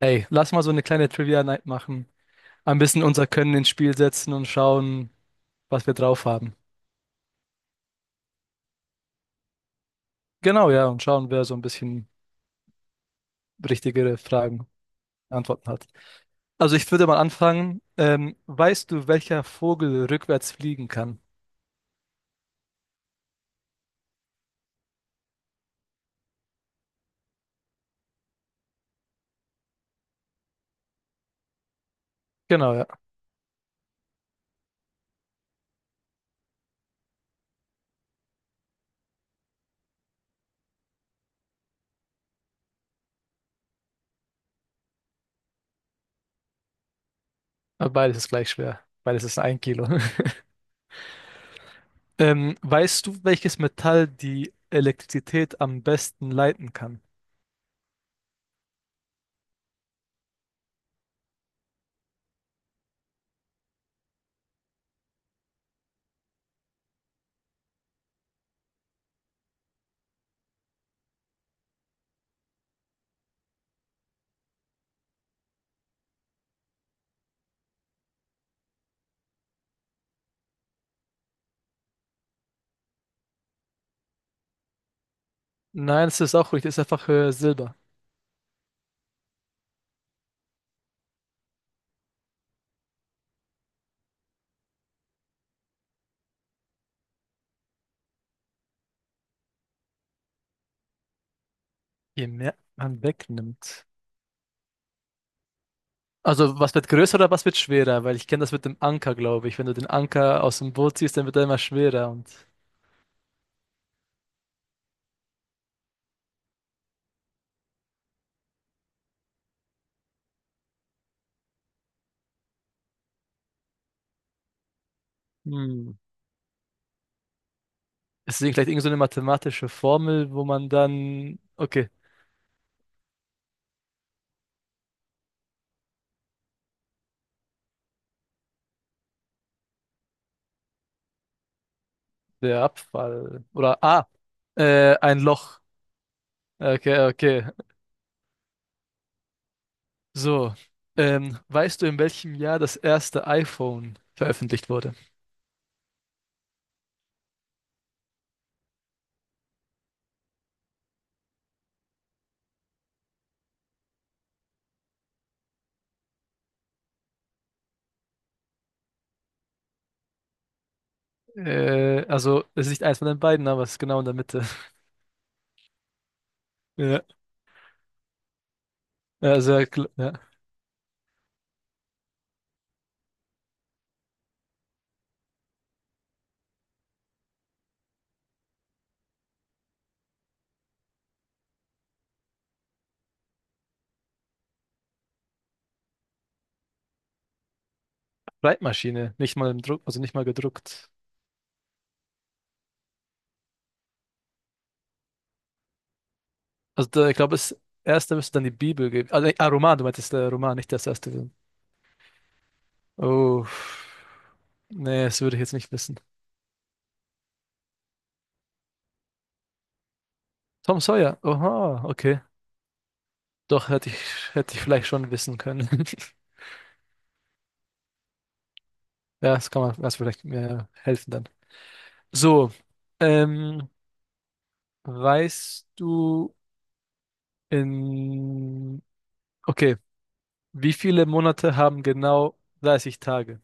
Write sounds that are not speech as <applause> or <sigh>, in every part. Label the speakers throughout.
Speaker 1: Ey, lass mal so eine kleine Trivia-Night machen. Ein bisschen unser Können ins Spiel setzen und schauen, was wir drauf haben. Genau, ja, und schauen, wer so ein bisschen richtigere Fragen, Antworten hat. Also ich würde mal anfangen. Weißt du, welcher Vogel rückwärts fliegen kann? Genau, ja. Aber Beides ist gleich schwer. Beides ist ein Kilo. <laughs> Weißt du, welches Metall die Elektrizität am besten leiten kann? Nein, das ist auch richtig. Das ist einfach Silber. Je mehr man wegnimmt, also was wird größer oder was wird schwerer? Weil ich kenne das mit dem Anker, glaube ich. Wenn du den Anker aus dem Boot ziehst, dann wird er immer schwerer. Und hm, ist es vielleicht irgend so eine mathematische Formel, wo man dann, okay, der Abfall oder ah, ein Loch. Okay, okay. So, weißt du, in welchem Jahr das erste iPhone veröffentlicht wurde? Also es ist nicht eins von den beiden, aber es ist genau in der Mitte. <laughs> Ja, also ja. Ja. Schreibmaschine, nicht mal im Druck, also nicht mal gedruckt. Also da, ich glaube, das erste müsste dann die Bibel geben. Also, ah, Roman, du meintest Roman, nicht das erste. Gewesen. Oh, nee, das würde ich jetzt nicht wissen. Tom Sawyer, oha, okay. Doch, hätte ich vielleicht schon wissen können. <laughs> Ja, das kann man, das vielleicht mir helfen dann. So, ähm, weißt du in, okay, wie viele Monate haben genau 30 Tage?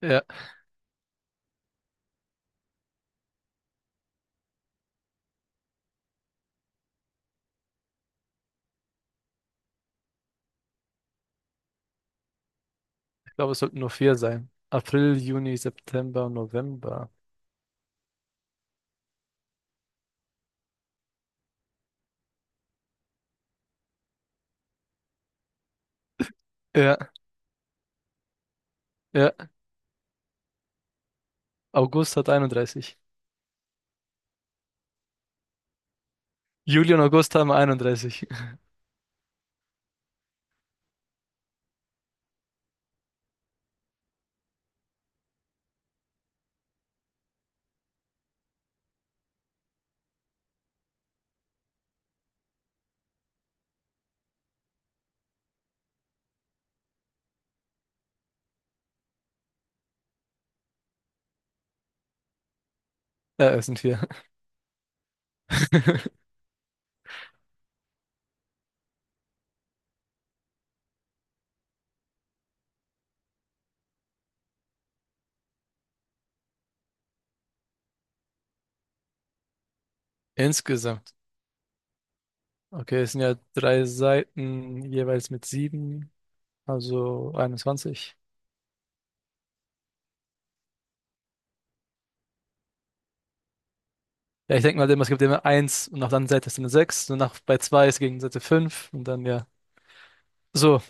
Speaker 1: Ja, ich glaube, es sollten nur vier sein. April, Juni, September, November. Ja, ja. August hat 31. Juli und August haben 31. <laughs> Ja, es sind vier. <laughs> Insgesamt. Okay, es sind ja drei Seiten, jeweils mit sieben, also 21. Ja, ich denke mal immer, es gibt immer eins und nach der anderen Seite ist eine sechs und nach, bei zwei ist gegen Seite fünf und dann ja. So,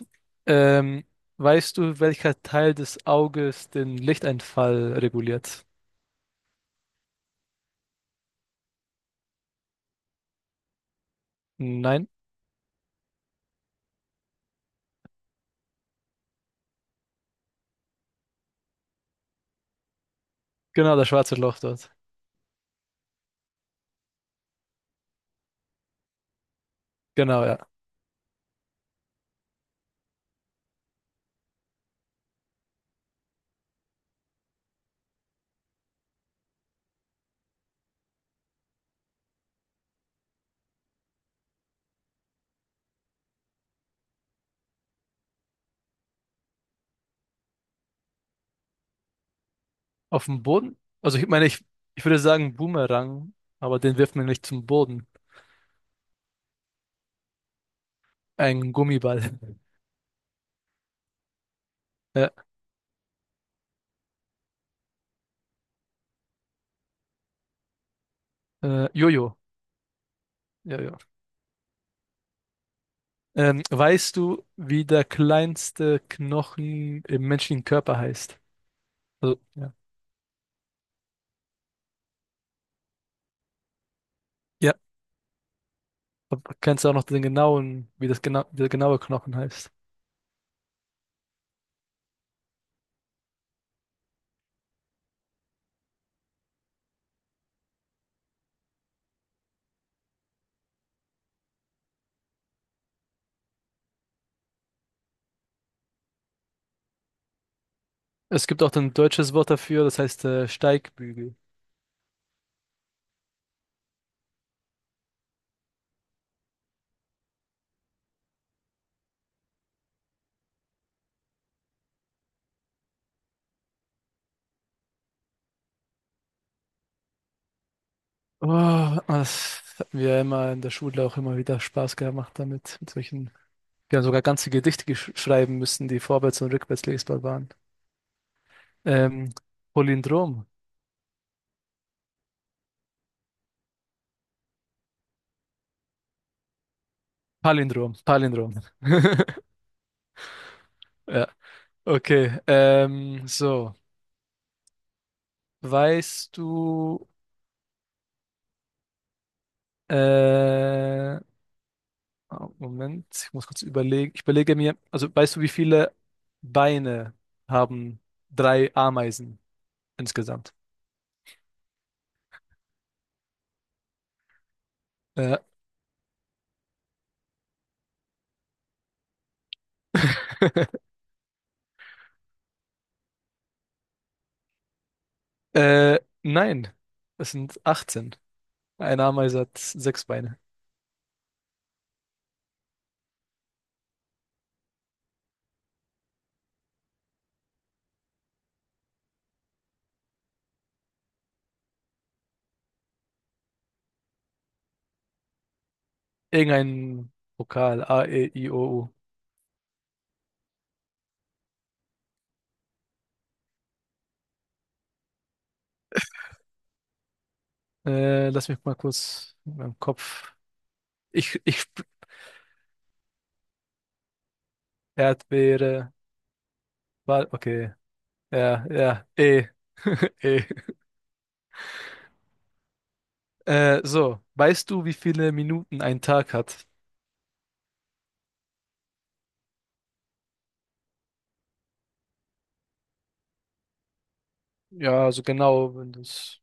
Speaker 1: ähm, weißt du, welcher Teil des Auges den Lichteinfall reguliert? Nein? Genau, das schwarze Loch dort. Genau, ja. Auf dem Boden? Also ich würde sagen Boomerang, aber den wirft man nicht zum Boden. Ein Gummiball. <laughs> Ja, Jojo. Ja, ja. Weißt du, wie der kleinste Knochen im menschlichen Körper heißt? Also, ja. Ja, aber kennst du auch noch den genauen, wie das genau, wie der genaue Knochen heißt? Es gibt auch ein deutsches Wort dafür, das heißt Steigbügel. Oh, das hat mir ja immer in der Schule auch immer wieder Spaß gemacht damit, mit solchen. Wir haben sogar ganze Gedichte schreiben müssen, die vorwärts und rückwärts lesbar waren. Ähm, Palindrom. Palindrom. Palindrom. <laughs> Ja, okay. So, weißt du, äh, oh, Moment, ich muss kurz überlegen. Ich überlege mir, also weißt du, wie viele Beine haben drei Ameisen insgesamt? Ja. <laughs> Äh, nein, es sind 18. Eine Ameise hat 6 Beine. Irgendein Vokal. A, E, I, O, U. Lass mich mal kurz in meinem Kopf. Ich, ich, sp- Erdbeere. Wal, okay. Ja, ja. E. <laughs> E. So. Weißt du, wie viele Minuten ein Tag hat? Ja, also genau, wenn das.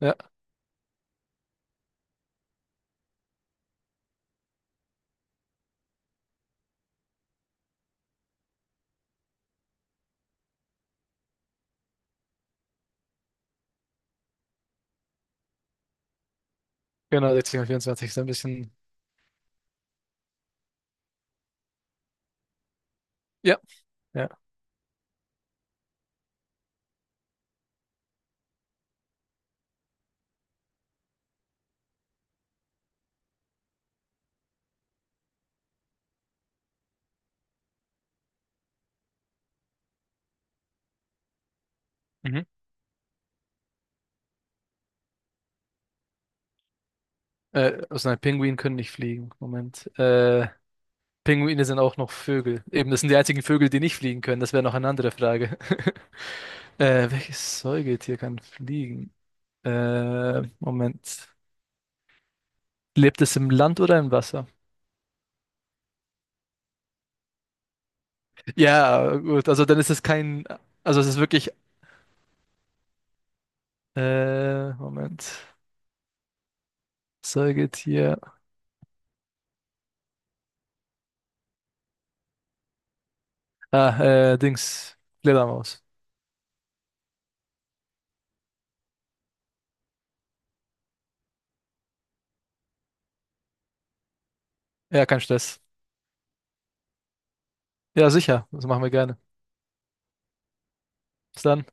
Speaker 1: Ja, genau, 60 und 24 ist ein bisschen. Ja, ja. Mhm. Also nein, Pinguine können nicht fliegen. Moment. Pinguine sind auch noch Vögel. Eben, das sind die einzigen Vögel, die nicht fliegen können. Das wäre noch eine andere Frage. <laughs> Welches Säugetier kann fliegen? Moment. Lebt es im Land oder im Wasser? Ja, gut. Also dann ist es kein. Also es ist wirklich. Moment. Säugetier. Ah, Dings. Fledermaus. Ja, kein Stress. Ja, sicher. Das machen wir gerne. Bis dann.